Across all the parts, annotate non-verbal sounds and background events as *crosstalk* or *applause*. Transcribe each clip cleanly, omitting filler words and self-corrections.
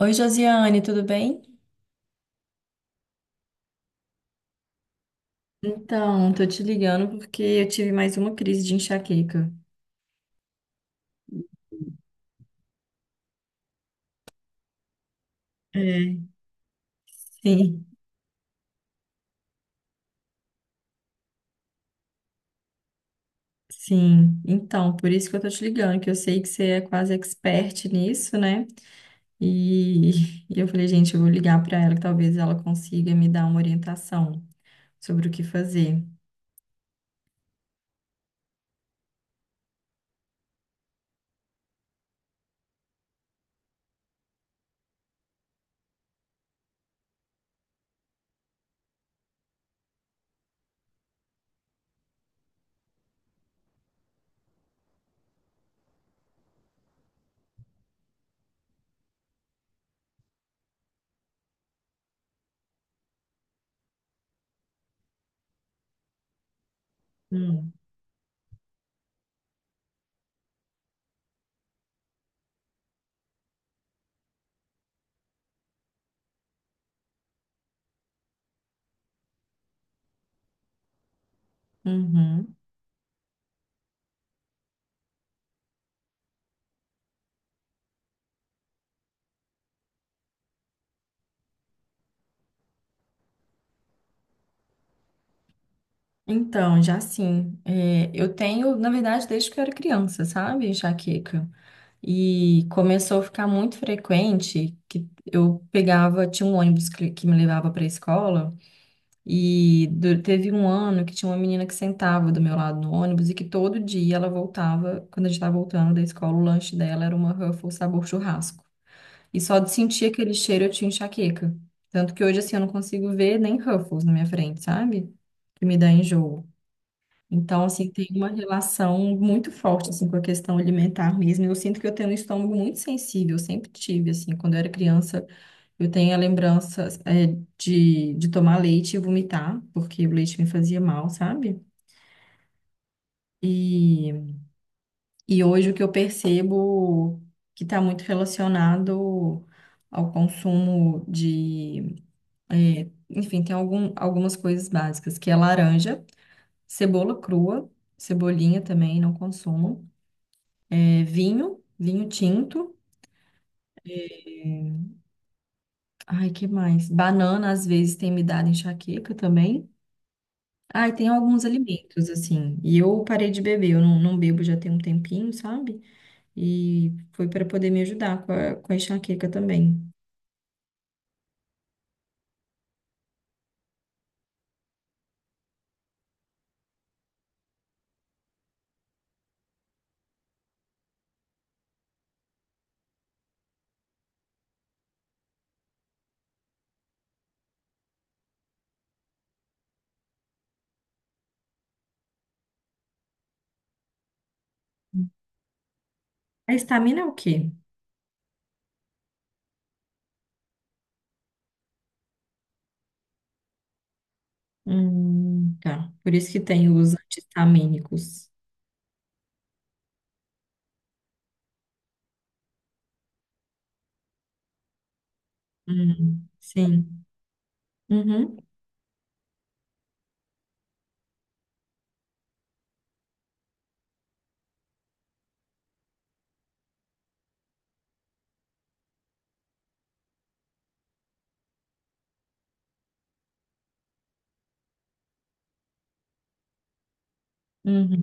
Oi, Josiane, tudo bem? Então, tô te ligando porque eu tive mais uma crise de enxaqueca. É, sim, sim. Então, por isso que eu tô te ligando, que eu sei que você é quase expert nisso, né? E, *laughs* e eu falei, gente, eu vou ligar pra ela que talvez ela consiga me dar uma orientação sobre o que fazer. Hum, uhum. Então, já sim, é, eu tenho, na verdade, desde que eu era criança, sabe, enxaqueca. E começou a ficar muito frequente que eu pegava, tinha um ônibus que me levava para a escola, e teve um ano que tinha uma menina que sentava do meu lado no ônibus e que todo dia ela voltava, quando a gente estava voltando da escola, o lanche dela era uma Ruffles sabor churrasco. E só de sentir aquele cheiro eu tinha enxaqueca. Tanto que hoje assim eu não consigo ver nem Ruffles na minha frente, sabe? Que me dá enjoo. Então, assim, tem uma relação muito forte, assim, com a questão alimentar mesmo. Eu sinto que eu tenho um estômago muito sensível, eu sempre tive, assim, quando eu era criança, eu tenho a lembrança, é, de tomar leite e vomitar, porque o leite me fazia mal, sabe? E, e hoje o que eu percebo que está muito relacionado ao consumo de, é, enfim, tem algumas coisas básicas, que é laranja, cebola crua, cebolinha também, não consumo. É, vinho, vinho tinto. É, ai, que mais? Banana, às vezes, tem me dado enxaqueca também. Ai, tem alguns alimentos, assim. E eu parei de beber, eu não bebo já tem um tempinho, sabe? E foi para poder me ajudar com com a enxaqueca também. A estamina é o quê? Tá. Por isso que tem os anti-histamínicos. Sim. Uhum, uhum,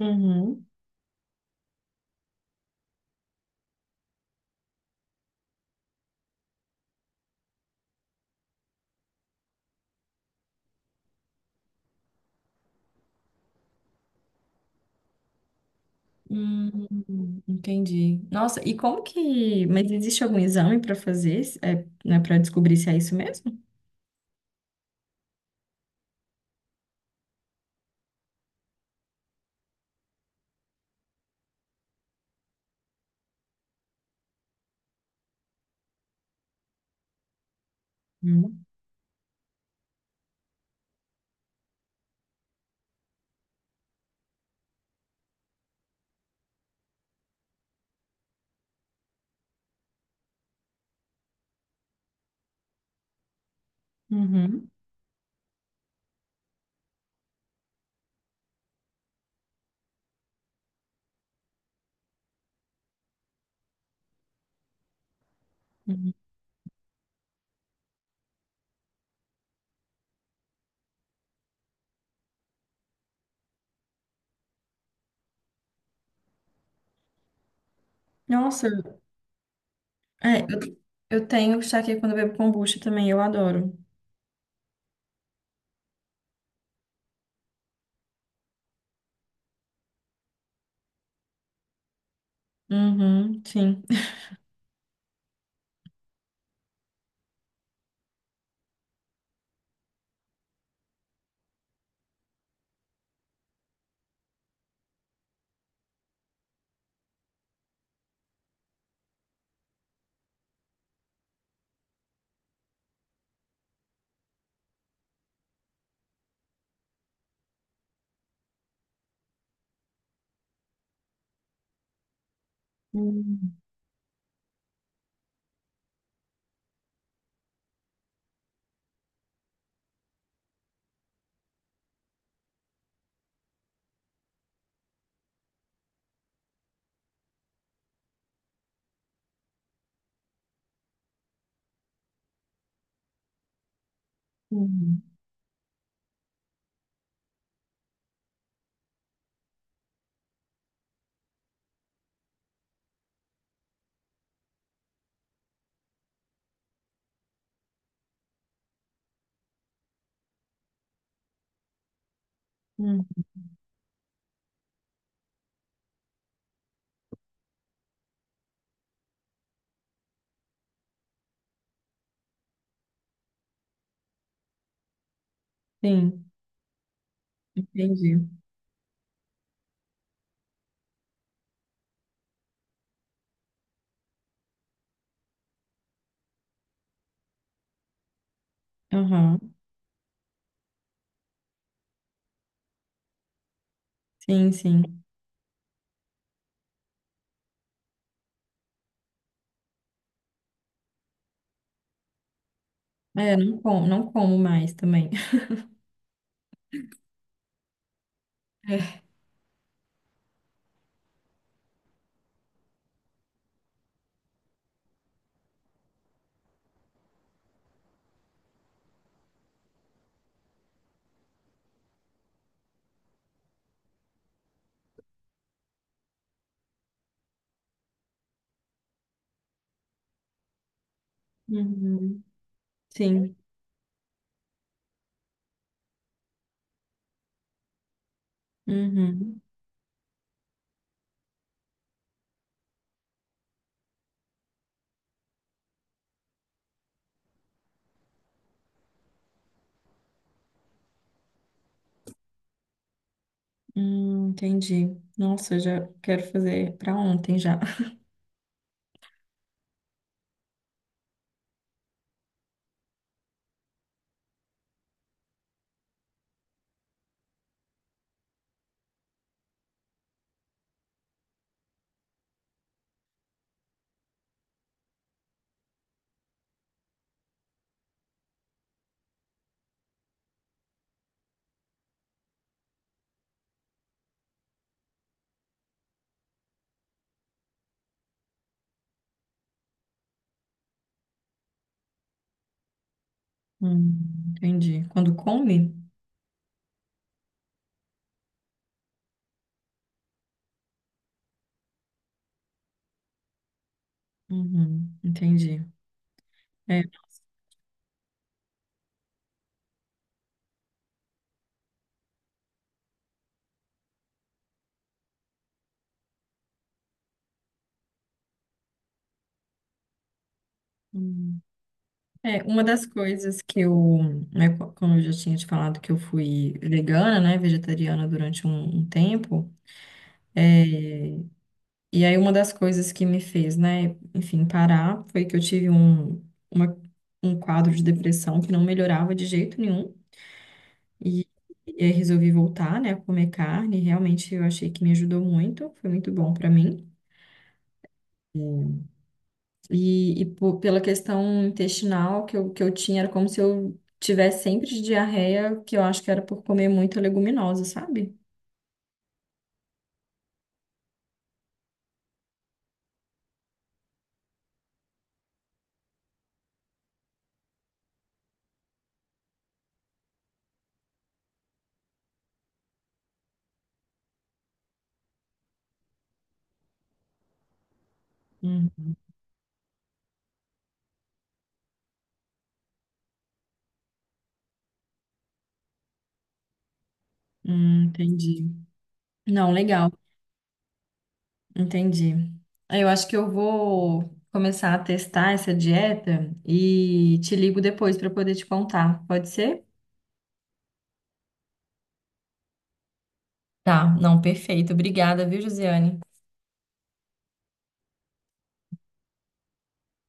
uhum. Entendi. Nossa, e como que. Mas existe algum exame para fazer, é, né, para descobrir se é isso mesmo? Hum. Uhum, uhum. Nossa, é, eu tenho aqui quando eu bebo kombucha também, eu adoro. Uhum, sim. Hum, uhum, uhum. Sim, entendi. Aham, sim, sim. É, não como, não como mais também. *laughs* É. Uhum. Sim. Uhum. Entendi. Nossa, eu já quero fazer para ontem já. *laughs* Hum, entendi. Quando come? Uhum, entendi. É, hum. É, uma das coisas né, como eu já tinha te falado, que eu fui vegana, né, vegetariana durante um tempo, e aí uma das coisas que me fez, né, enfim, parar foi que eu tive uma, um quadro de depressão que não melhorava de jeito nenhum. E, e aí resolvi voltar, né, a comer carne. Realmente eu achei que me ajudou muito, foi muito bom para mim. E pela questão intestinal que eu tinha, era como se eu tivesse sempre de diarreia, que eu acho que era por comer muita leguminosa, sabe? Hum, entendi. Não, legal, entendi. Aí eu acho que eu vou começar a testar essa dieta e te ligo depois para poder te contar. Pode ser? Tá, não, perfeito. Obrigada, viu, Josiane?